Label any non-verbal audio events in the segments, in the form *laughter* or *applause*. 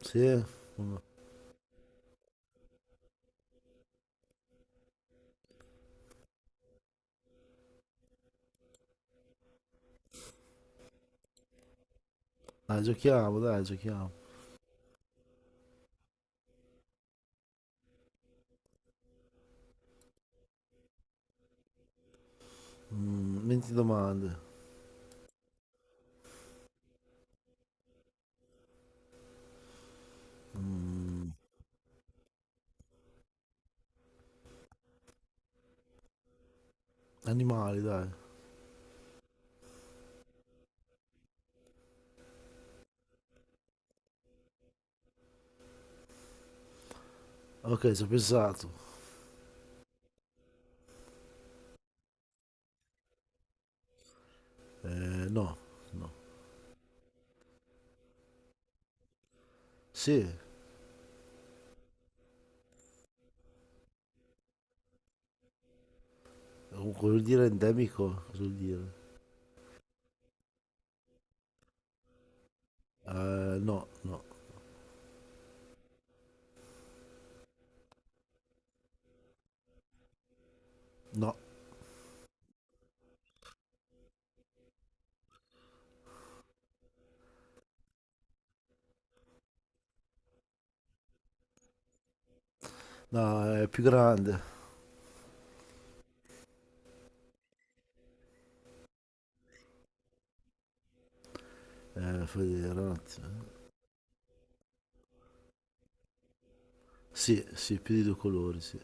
Sì, dai, giochiamo, dai, giochiamo. Mm, 20 domande. Mm, animali, dai. Ok, ci ho pensato. No, no. Sì, cosa vuol dire endemico? Cosa vuol dire? No, no, no. No, è più grande. Fai vedere un attimo. Sì, sì, più di due colori, sì.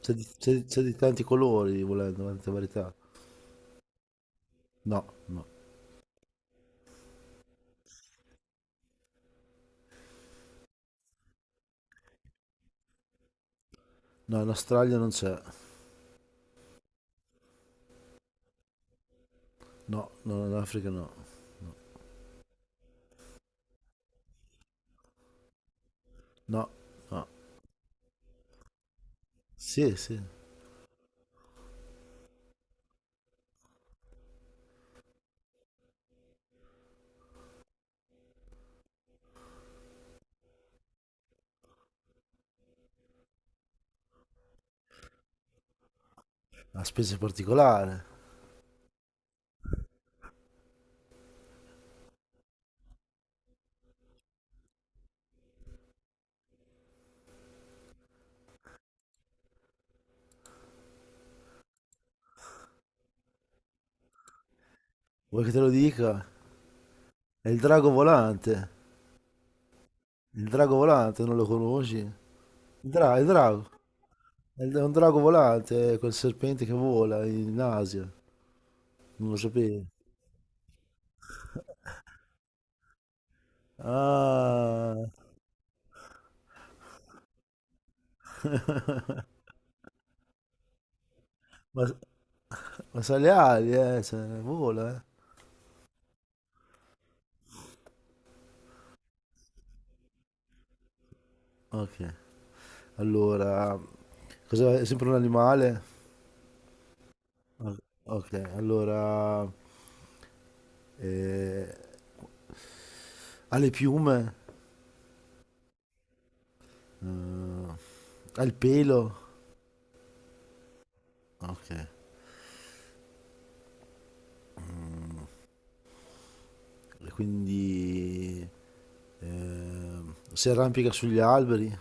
C'è di tanti colori, volendo, tante varietà. No, no. No, in Australia non c'è. No, no, in Africa no. No, no. Sì, sì. Una specie particolare. Vuoi che te lo dica? È il drago volante. Il drago volante, non lo conosci? Il drago. È un drago volante, è quel serpente che vola in Asia. Non lo sapevi. Ah, *laughs* ma, ma sa le ali, cioè, vola, eh. Ok, allora, è sempre un animale? O- Ok, allora, eh, ha le piume. Eh, Ha il pelo. Ok. Mm. E quindi eh, si arrampica sugli alberi,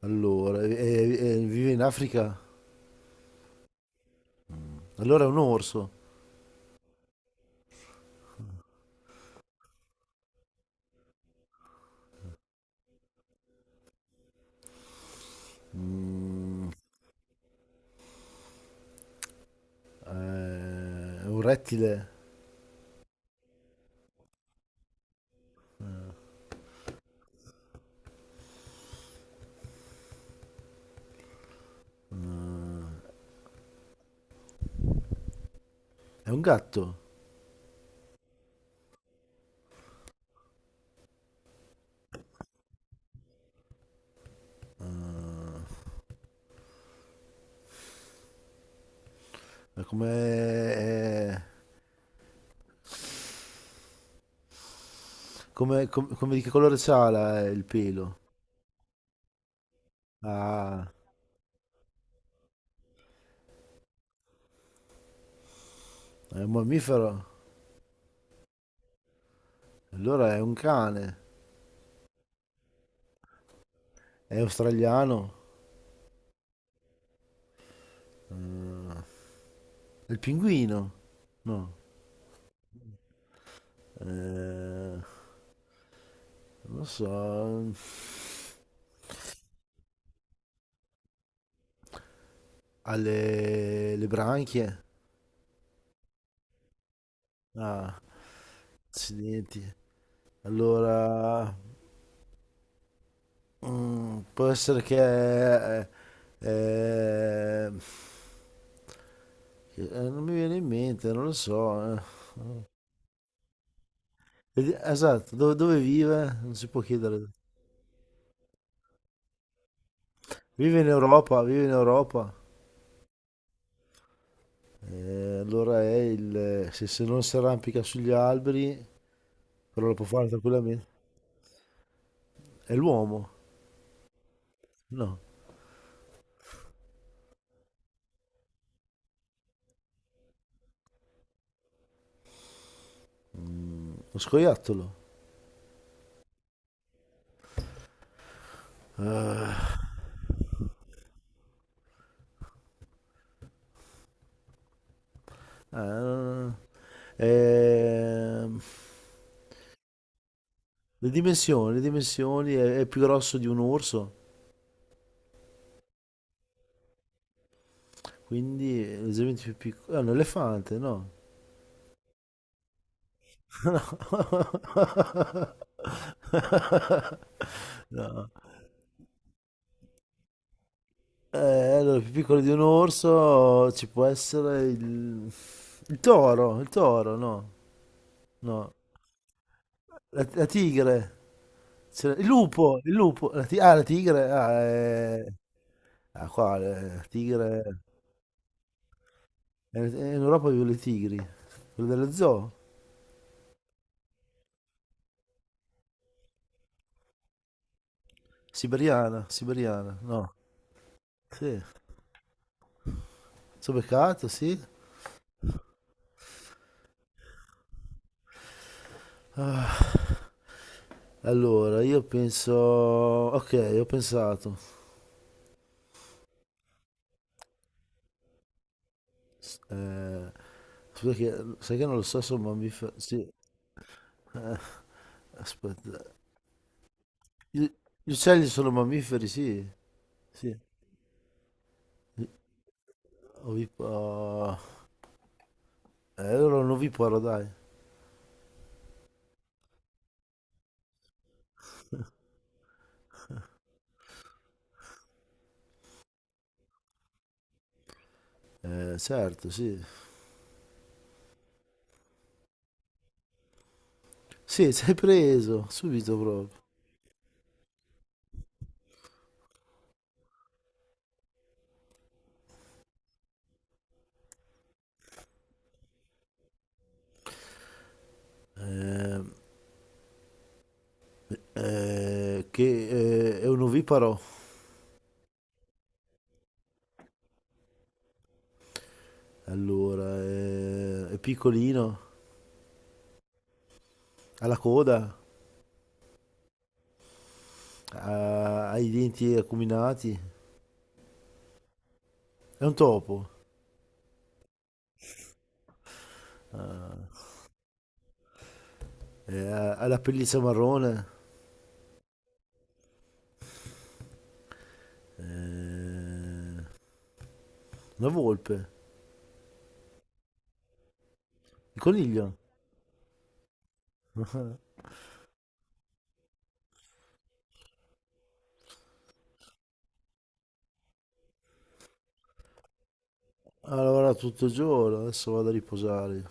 allora, e vive in Africa, allora è un orso. Mm, eh, è un rettile, eh, è un gatto, eh, è come, è- come di che colore c'ha il pelo? Ah, è un mammifero, allora è un cane, è australiano, è il pinguino, no, eh, non lo so... Alle le branchie? Ah, accidenti. Allora, può essere che... eh, non mi viene in mente, non lo so. Esatto, dove vive? Non si può chiedere. Vive in Europa, vive in Europa. Allora è il... Se non si arrampica sugli alberi, però lo può fare tranquillamente. È l'uomo? No, lo scoiattolo. Ah. Eh, ehm, le dimensioni, le dimensioni è più grosso di un orso, quindi è leggermente più piccolo. È un elefante, no? *laughs* No. *laughs* No. Eh, allora, più piccolo di un orso ci può essere il toro, no? No. La tigre. Il lupo, il lupo. La tigre. Ah, eh. Ah, qua, la tigre. In Europa vivono le tigri. Quello dello zoo? Siberiana, siberiana. No. Sì. Sono beccato, sì. Ah, allora, io penso... Ok, ho pensato. S- eh, Scusa che... Sai che non lo so se è un mammifero... Sì. Eh, Aspetta. Gli Gli uccelli sono mammiferi, sì, sì. Oviparo... allora un oviparo, dai. Certo, sì. Sì, *laughs* sei preso, subito proprio. Ehm, che È un oviparo. Allora, è piccolino, ha la coda, ha i denti acuminati. È un topo. Ah, Ha la pelliccia marrone. Eh, una volpe. Il coniglio. Ha lavorato tutto il giorno, adesso vado a riposare.